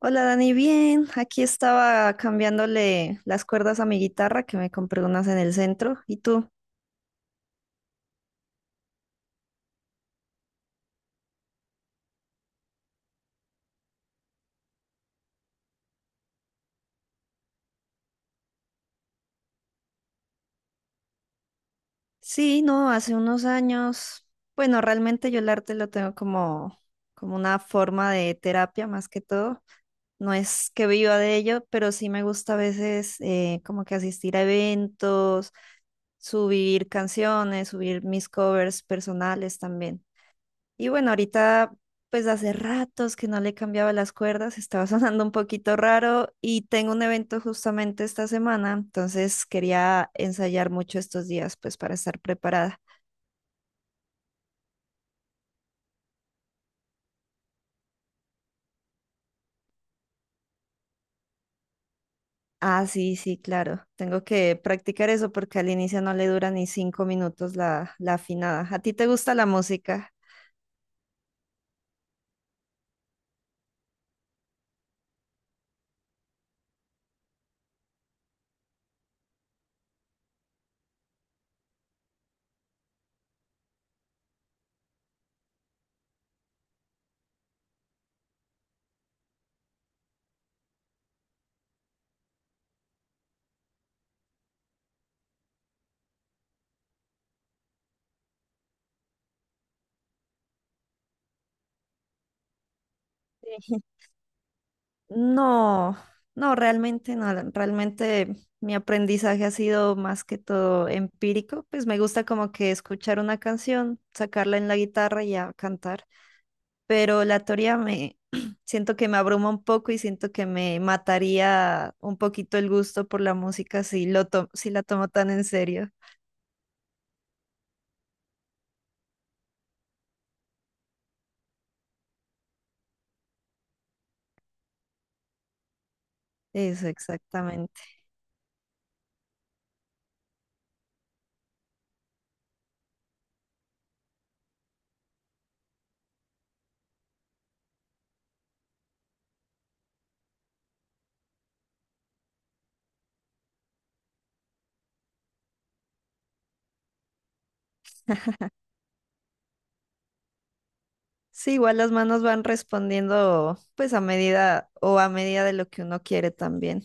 Hola Dani, bien. Aquí estaba cambiándole las cuerdas a mi guitarra que me compré unas en el centro. ¿Y tú? Sí, no, hace unos años. Bueno, realmente yo el arte lo tengo como, como una forma de terapia más que todo. No es que viva de ello, pero sí me gusta a veces como que asistir a eventos, subir canciones, subir mis covers personales también. Y bueno, ahorita, pues hace ratos que no le cambiaba las cuerdas, estaba sonando un poquito raro y tengo un evento justamente esta semana, entonces quería ensayar mucho estos días, pues para estar preparada. Ah, sí, sí, claro, tengo que practicar eso porque al inicio no le dura ni 5 minutos la afinada. ¿A ti te gusta la música? Sí. No, no, realmente no. Realmente mi aprendizaje ha sido más que todo empírico. Pues me gusta como que escuchar una canción, sacarla en la guitarra y a cantar. Pero la teoría me siento que me abruma un poco y siento que me mataría un poquito el gusto por la música si la tomo tan en serio. Eso, exactamente. Sí, igual las manos van respondiendo pues a medida o a medida de lo que uno quiere también,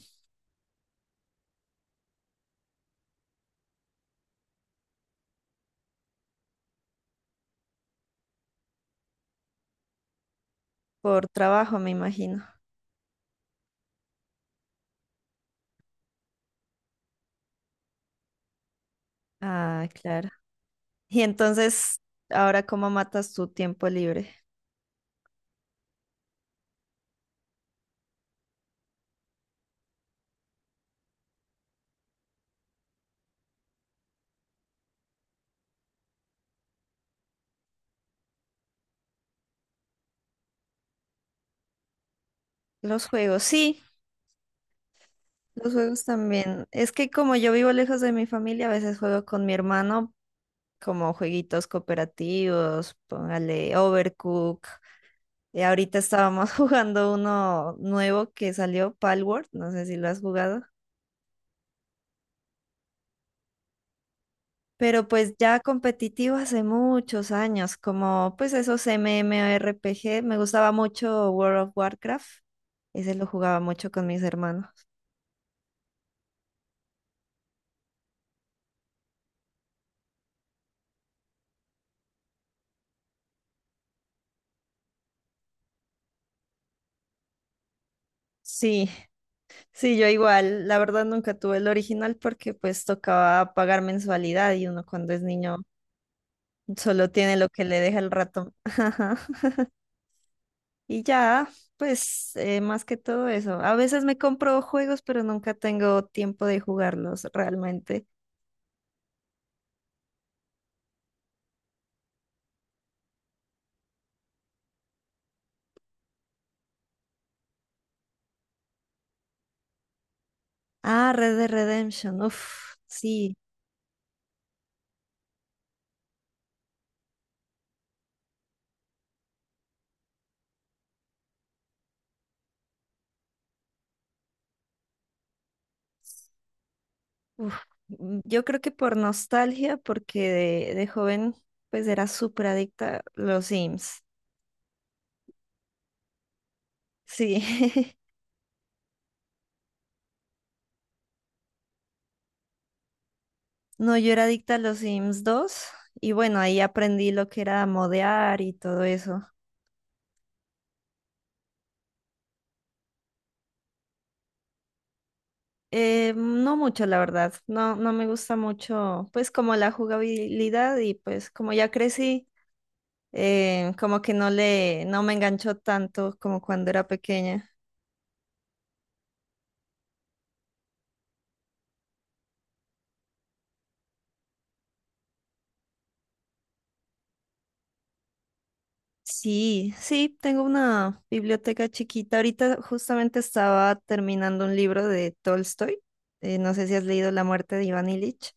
por trabajo, me imagino. Ah, claro. Y entonces, ¿ahora cómo matas tu tiempo libre? Los juegos, sí, los juegos también. Es que como yo vivo lejos de mi familia, a veces juego con mi hermano como jueguitos cooperativos, póngale Overcook. Y ahorita estábamos jugando uno nuevo que salió, Palworld, no sé si lo has jugado. Pero pues ya competitivo hace muchos años, como pues esos MMORPG, me gustaba mucho World of Warcraft, ese lo jugaba mucho con mis hermanos. Sí, sí, yo igual, la verdad nunca tuve el original porque pues tocaba pagar mensualidad y uno cuando es niño solo tiene lo que le deja el ratón. Ajá. Y ya, pues más que todo eso, a veces me compro juegos pero nunca tengo tiempo de jugarlos realmente. Ah, Red Dead Redemption, uff, sí. Uf, yo creo que por nostalgia, porque de joven pues era súper adicta a los Sims. Sí, no, yo era adicta a los Sims dos y bueno, ahí aprendí lo que era modear y todo eso. No mucho, la verdad, no, no me gusta mucho pues como la jugabilidad y pues como ya crecí, como que no le, no me enganchó tanto como cuando era pequeña. Sí, sí, tengo una biblioteca chiquita. Ahorita justamente estaba terminando un libro de Tolstoy. No sé si has leído La muerte de Iván Ilich.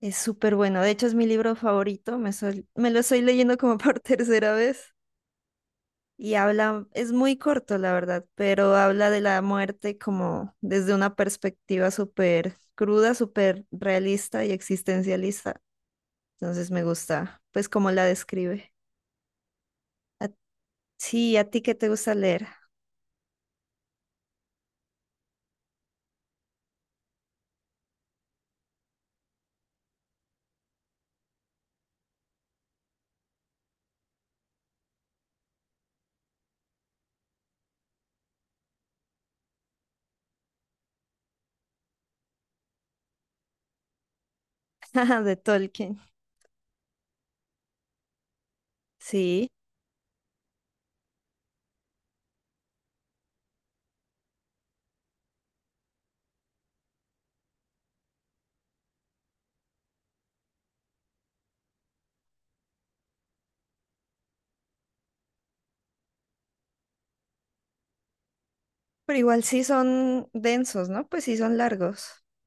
Es súper bueno. De hecho, es mi libro favorito. Me lo estoy leyendo como por tercera vez. Y habla, es muy corto, la verdad, pero habla de la muerte como desde una perspectiva súper cruda, súper realista y existencialista. Entonces me gusta, pues, cómo la describe. A- sí, ¿a ti qué te gusta leer? De Tolkien. Sí, pero igual sí son densos, ¿no? Pues sí son largos.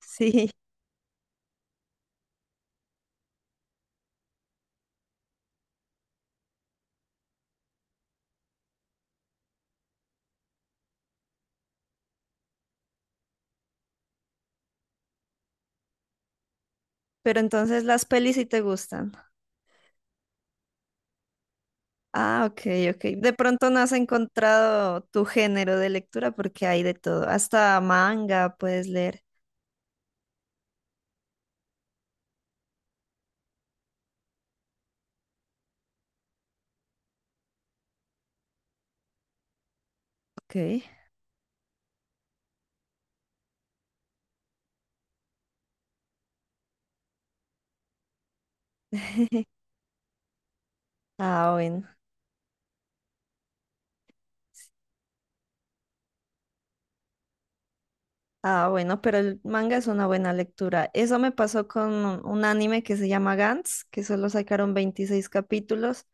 Sí, pero entonces las pelis sí te gustan. Ah, ok, ok. De pronto no has encontrado tu género de lectura porque hay de todo. Hasta manga puedes leer. Ok. Ah, bueno. Ah, bueno, pero el manga es una buena lectura. Eso me pasó con un anime que se llama Gantz, que solo sacaron 26 capítulos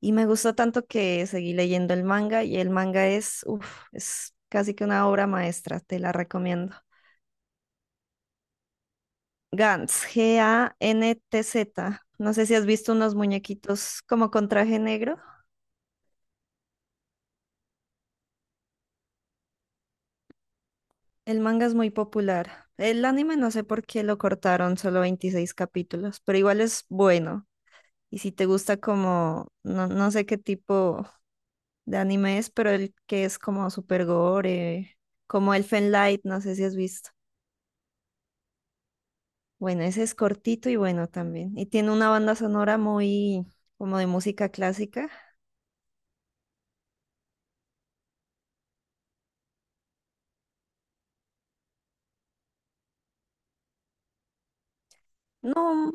y me gustó tanto que seguí leyendo el manga y el manga es, uf, es casi que una obra maestra, te la recomiendo. Gantz, GANTZ. No sé si has visto unos muñequitos como con traje negro. El manga es muy popular. El anime no sé por qué lo cortaron, solo 26 capítulos, pero igual es bueno. Y si te gusta como, no, no sé qué tipo de anime es, pero el que es como super gore, como Elfen Light, no sé si has visto. Bueno, ese es cortito y bueno también. Y tiene una banda sonora muy como de música clásica. No,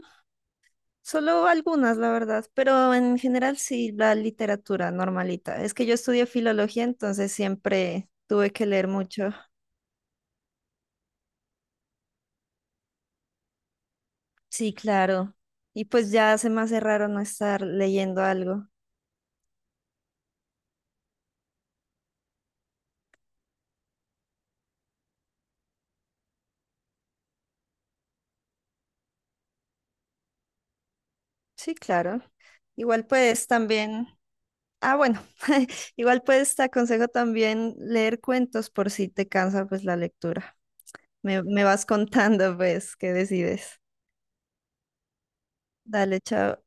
solo algunas, la verdad, pero en general sí la literatura normalita. Es que yo estudié filología, entonces siempre tuve que leer mucho. Sí, claro. Y pues ya se me hace raro no estar leyendo algo. Sí, claro. Igual pues también, ah bueno, igual pues te aconsejo también leer cuentos por si te cansa pues la lectura. Me vas contando pues qué decides. Dale, chao.